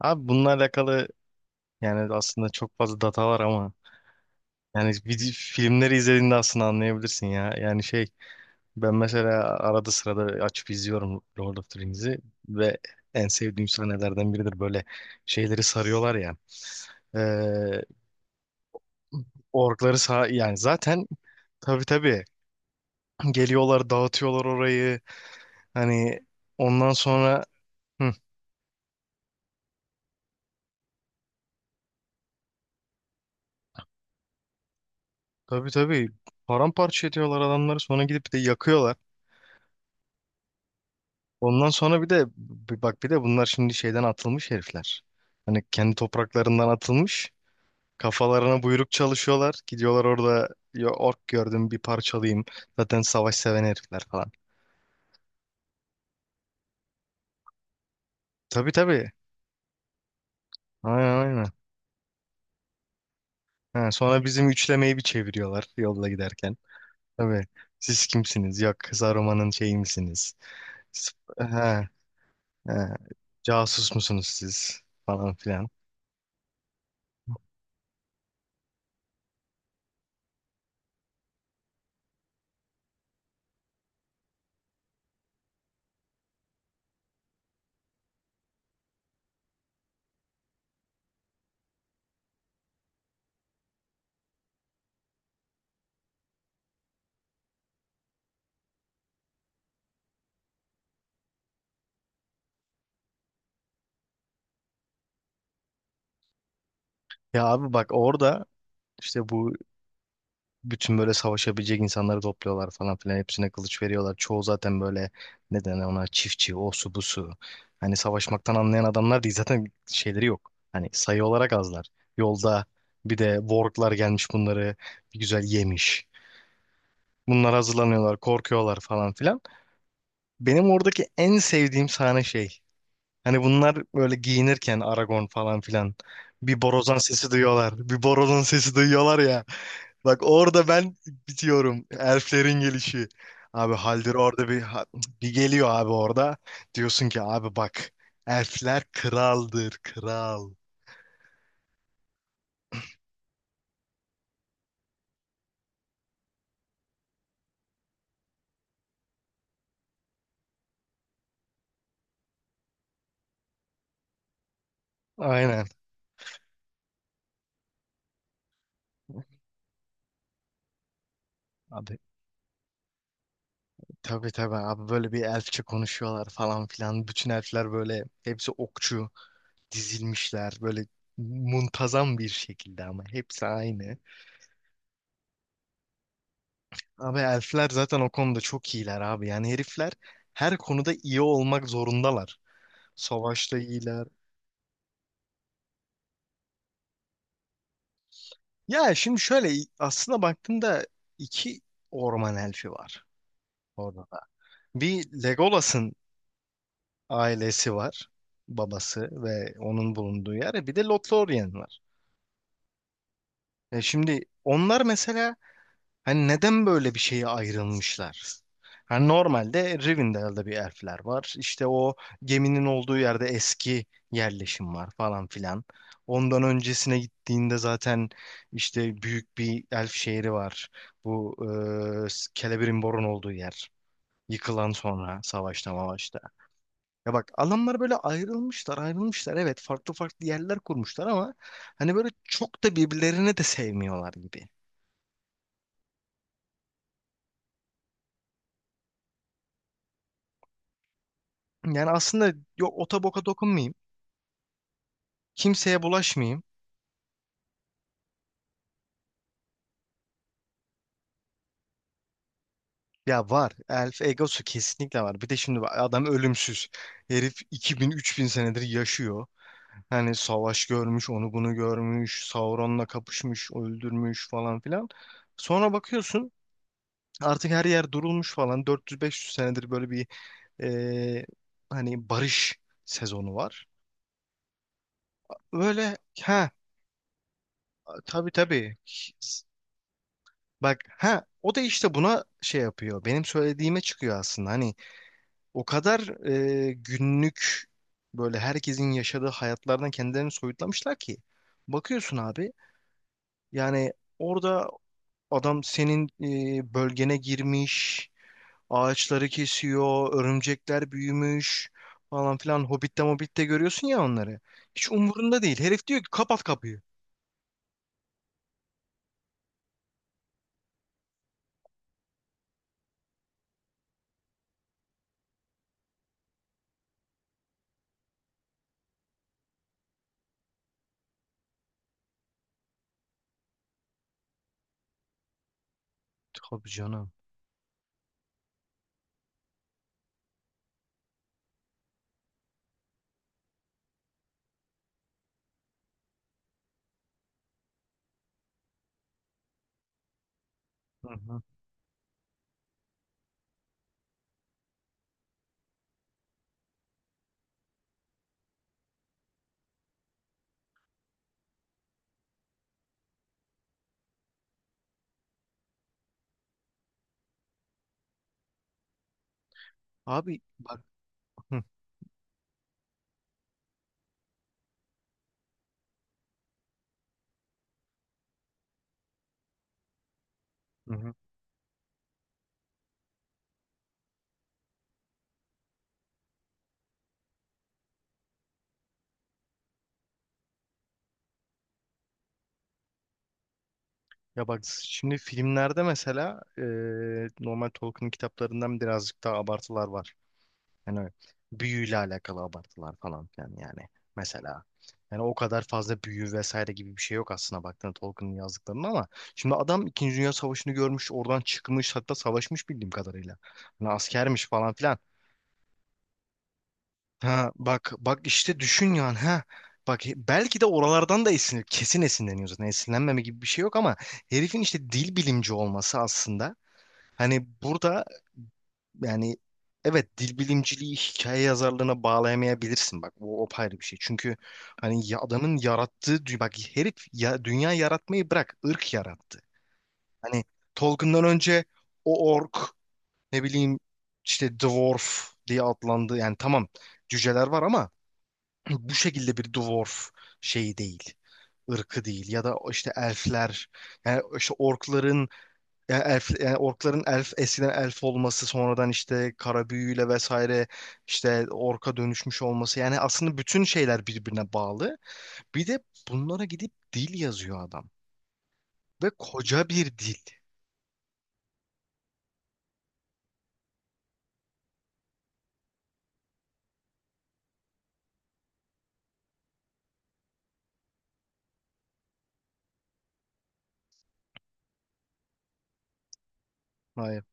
Abi bununla alakalı yani aslında çok fazla data var ama yani filmleri izlediğinde aslında anlayabilirsin ya. Yani şey, ben mesela arada sırada açıp izliyorum Lord of the Rings'i ve en sevdiğim sahnelerden biridir böyle şeyleri sarıyorlar ya. Ee, Orkları sağ yani zaten, tabii tabii, geliyorlar dağıtıyorlar orayı hani ondan sonra. Hı, tabii tabii, paramparça ediyorlar adamları sonra gidip de yakıyorlar. Ondan sonra bir de bir bak bir de bunlar şimdi şeyden atılmış herifler. Hani kendi topraklarından atılmış. Kafalarına buyruk çalışıyorlar. Gidiyorlar orada ya, ork gördüm bir parçalayayım. Zaten savaş seven herifler falan. Tabii tabii. Aynen aynen. Ha, sonra bizim üçlemeyi bir çeviriyorlar yolda giderken. Tabii. Siz kimsiniz? Yok, Saruman'ın şeyi misiniz? Siz- Ha, ha, casus musunuz siz? Falan filan. Ya abi bak orada, işte bu bütün böyle savaşabilecek insanları topluyorlar falan filan. Hepsine kılıç veriyorlar. Çoğu zaten böyle, ne denir ona, çiftçi, o su bu su. Hani savaşmaktan anlayan adamlar değil zaten, şeyleri yok. Hani sayı olarak azlar. Yolda bir de warglar gelmiş, bunları bir güzel yemiş. Bunlar hazırlanıyorlar, korkuyorlar falan filan. Benim oradaki en sevdiğim sahne şey. Hani bunlar böyle giyinirken Aragon falan filan, bir borazan sesi duyuyorlar. Bir borazan sesi duyuyorlar ya. Bak orada ben bitiyorum. Elflerin gelişi. Abi Haldir orada bir geliyor abi orada. Diyorsun ki abi bak, elfler kraldır kral. Aynen. Abi tabii tabii abi, böyle bir elfçe konuşuyorlar falan filan. Bütün elfler böyle, hepsi okçu, dizilmişler böyle muntazam bir şekilde ama hepsi aynı. Abi elfler zaten o konuda çok iyiler abi. Yani herifler her konuda iyi olmak zorundalar. Savaşta iyiler. Ya şimdi şöyle, aslında baktığımda iki orman elfi var orada da. Bir Legolas'ın ailesi var. Babası ve onun bulunduğu yer. Bir de Lothlorian var. Şimdi onlar mesela, hani neden böyle bir şeye ayrılmışlar? Hani normalde Rivendell'da bir elfler var. İşte o geminin olduğu yerde eski yerleşim var falan filan. Ondan öncesine gittiğinde zaten işte büyük bir elf şehri var. Bu e, Celebrimbor'un olduğu yer. Yıkılan, sonra savaşta mavaşta. Ya bak, adamlar böyle ayrılmışlar ayrılmışlar. Evet, farklı farklı yerler kurmuşlar ama hani böyle çok da birbirlerini de sevmiyorlar gibi. Yani aslında, yok, ota boka dokunmayayım. Kimseye bulaşmayayım. Ya var. Elf egosu kesinlikle var. Bir de şimdi bak, adam ölümsüz. Herif 2000-3000 senedir yaşıyor. Hani savaş görmüş, onu bunu görmüş, Sauron'la kapışmış, öldürmüş falan filan. Sonra bakıyorsun artık her yer durulmuş falan. 400-500 senedir böyle bir e, hani barış sezonu var. Böyle, ha tabii tabii. Bak ha, o da işte buna şey yapıyor. Benim söylediğime çıkıyor aslında. Hani o kadar günlük, böyle herkesin yaşadığı hayatlardan kendilerini soyutlamışlar ki. Bakıyorsun abi, yani orada adam senin bölgene girmiş, ağaçları kesiyor, örümcekler büyümüş falan filan. Hobbit'te Mobbit'te görüyorsun ya onları. Hiç umurunda değil. Herif diyor ki, kapat kapıyı. Tabii canım. Hı hı. Abi bak. Hı hı. Hı. Ya bak şimdi filmlerde mesela normal Tolkien kitaplarından birazcık daha abartılar var. Yani öyle büyüyle alakalı abartılar falan filan yani. Mesela yani o kadar fazla büyü vesaire gibi bir şey yok aslında baktığında Tolkien'in yazdıklarında ama şimdi adam İkinci Dünya Savaşı'nı görmüş, oradan çıkmış, hatta savaşmış bildiğim kadarıyla. Hani askermiş falan filan. Ha bak bak işte düşün yani ha. Bak belki de oralardan da esinlenir. Kesin esinleniyor zaten. Esinlenmeme gibi bir şey yok ama herifin işte dil bilimci olması aslında, hani burada, yani evet, dil bilimciliği hikaye yazarlığına bağlayamayabilirsin bak, bu o ayrı bir şey. Çünkü hani adamın yarattığı bak herif ya, dünya yaratmayı bırak, ırk yarattı. Hani Tolkien'dan önce o ork, ne bileyim, işte dwarf diye adlandı yani, tamam, cüceler var ama bu şekilde bir dwarf şeyi değil, ırkı değil, ya da işte elfler, yani işte orkların, yani elf, yani orkların elf, eskiden elf olması, sonradan işte kara büyüyle vesaire işte orka dönüşmüş olması, yani aslında bütün şeyler birbirine bağlı. Bir de bunlara gidip dil yazıyor adam, ve koca bir dil. Hayır,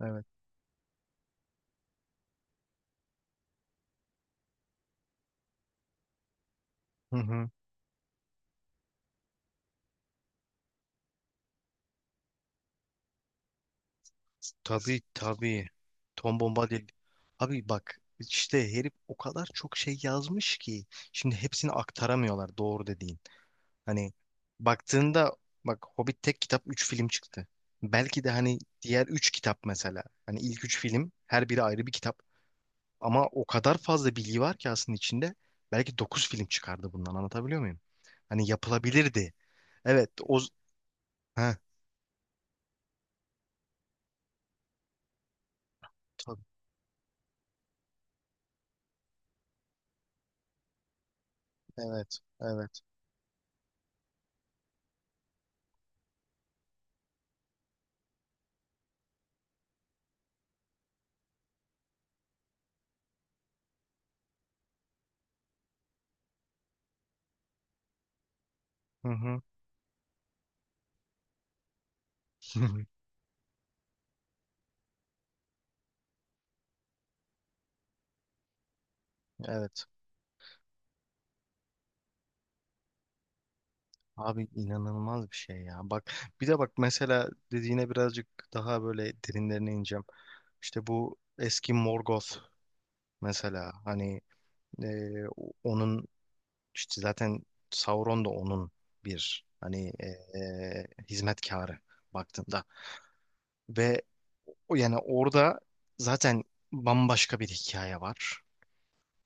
evet. Hı hı. Tabii tabii. Tom Bombadil. Abi bak işte herif o kadar çok şey yazmış ki, şimdi hepsini aktaramıyorlar, doğru dediğin. Hani baktığında, bak, Hobbit tek kitap, 3 film çıktı. Belki de hani diğer 3 kitap mesela. Hani ilk 3 film her biri ayrı bir kitap. Ama o kadar fazla bilgi var ki aslında içinde. Belki 9 film çıkardı bundan, anlatabiliyor muyum? Hani yapılabilirdi. Evet o... Heh, tabii. Evet. Evet. Hı hı. Evet. Abi inanılmaz bir şey ya. Bak bir de bak mesela dediğine birazcık daha böyle derinlerine ineceğim. İşte bu eski Morgoth mesela hani. Ee, onun işte zaten Sauron da onun bir hani hizmetkarı baktığında, ve o yani orada zaten bambaşka bir hikaye var.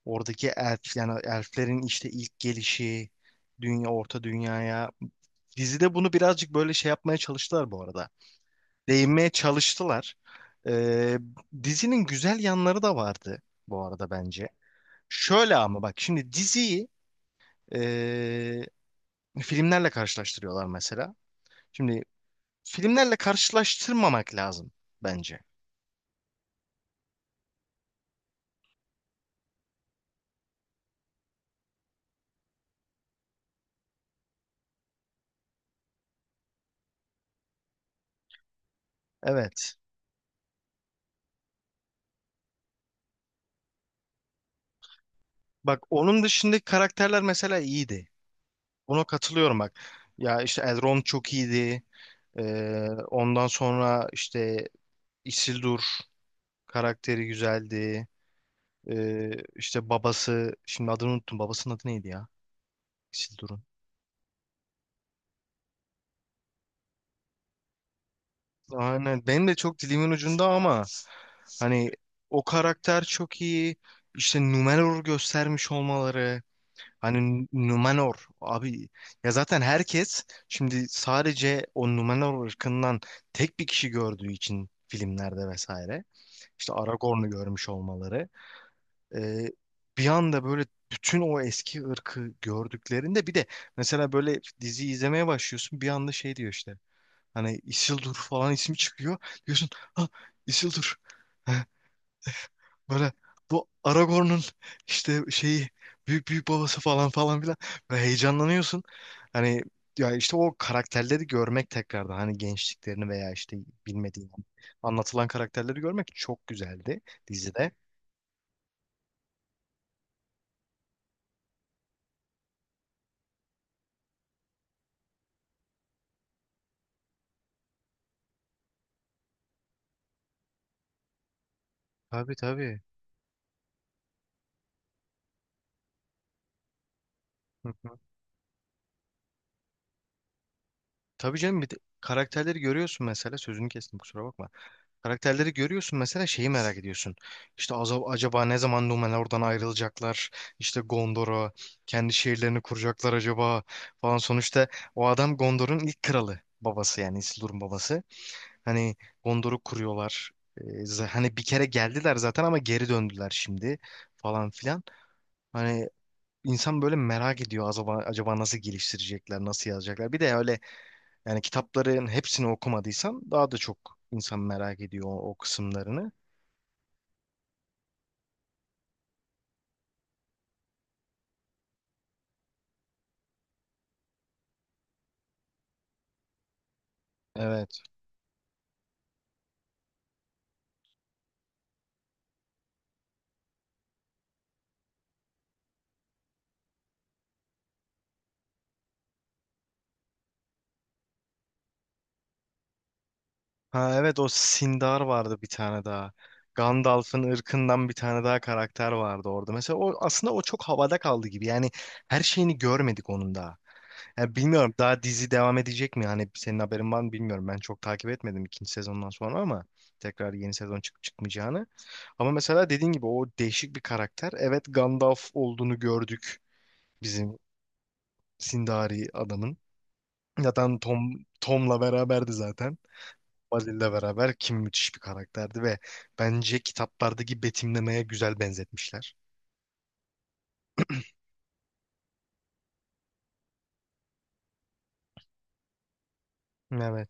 Oradaki elf, yani elflerin işte ilk gelişi dünya orta dünyaya, dizide bunu birazcık böyle şey yapmaya çalıştılar bu arada. Değinmeye çalıştılar. Ee, dizinin güzel yanları da vardı bu arada bence. Şöyle ama bak şimdi diziyi ee, filmlerle karşılaştırıyorlar mesela. Şimdi filmlerle karşılaştırmamak lazım bence. Evet. Bak onun dışındaki karakterler mesela iyiydi. Buna katılıyorum bak. Ya işte Elrond çok iyiydi. Ondan sonra işte Isildur karakteri güzeldi. İşte babası, şimdi adını unuttum. Babasının adı neydi ya? Isildur'un. Aynen. Benim de çok dilimin ucunda ama, hani o karakter çok iyi. İşte Numenor göstermiş olmaları. Hani Numenor abi, ya zaten herkes şimdi sadece o Numenor ırkından tek bir kişi gördüğü için filmlerde vesaire, işte Aragorn'u görmüş olmaları, e, bir anda böyle bütün o eski ırkı gördüklerinde bir de, mesela böyle dizi izlemeye başlıyorsun bir anda şey diyor işte, hani Isildur falan ismi çıkıyor, diyorsun ha, Isildur böyle, bu Aragorn'un işte şeyi, büyük büyük babası falan falan filan, böyle heyecanlanıyorsun. Hani ya işte o karakterleri görmek tekrardan, hani gençliklerini veya işte bilmediğin anlatılan karakterleri görmek çok güzeldi dizide. Tabii tabii. Hı hı. Tabii canım, bir de karakterleri görüyorsun mesela, sözünü kestim kusura bakma. Karakterleri görüyorsun mesela, şeyi merak ediyorsun. İşte acaba ne zaman Numenor oradan ayrılacaklar? İşte Gondor'a kendi şehirlerini kuracaklar acaba falan. Sonuçta o adam Gondor'un ilk kralı, babası yani, Isildur'un babası. Hani Gondor'u kuruyorlar. Hani bir kere geldiler zaten ama geri döndüler şimdi falan filan. Hani insan böyle merak ediyor, acaba, acaba nasıl geliştirecekler, nasıl yazacaklar. Bir de öyle, yani kitapların hepsini okumadıysan daha da çok insan merak ediyor o, o kısımlarını. Evet. Ha evet, o Sindar vardı bir tane daha. Gandalf'ın ırkından bir tane daha karakter vardı orada. Mesela o aslında o çok havada kaldı gibi. Yani her şeyini görmedik onun daha. Yani bilmiyorum, daha dizi devam edecek mi? Hani senin haberin var mı bilmiyorum. Ben çok takip etmedim ikinci sezondan sonra ama tekrar yeni sezon çıkıp çıkmayacağını. Ama mesela dediğin gibi o değişik bir karakter. Evet, Gandalf olduğunu gördük bizim Sindari adamın. Zaten Tom'la beraberdi zaten. Basil'le beraber kim, müthiş bir karakterdi ve bence kitaplardaki betimlemeye güzel benzetmişler. Evet.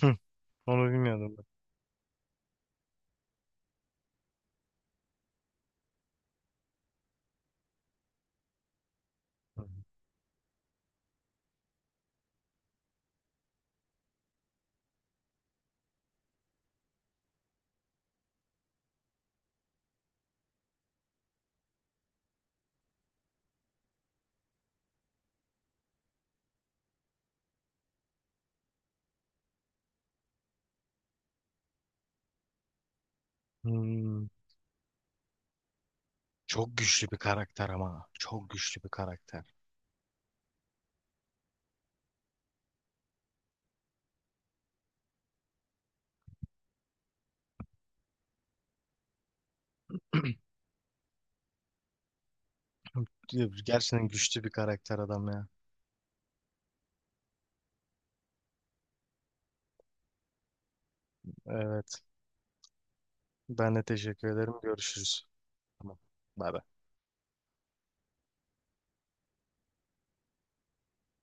Hı, onu bilmiyordum ben. Hmm, Çok güçlü bir karakter ama. Çok güçlü bir karakter. Gerçekten güçlü bir karakter adam ya. Evet. Ben de teşekkür ederim. Görüşürüz. Tamam. Bay bay.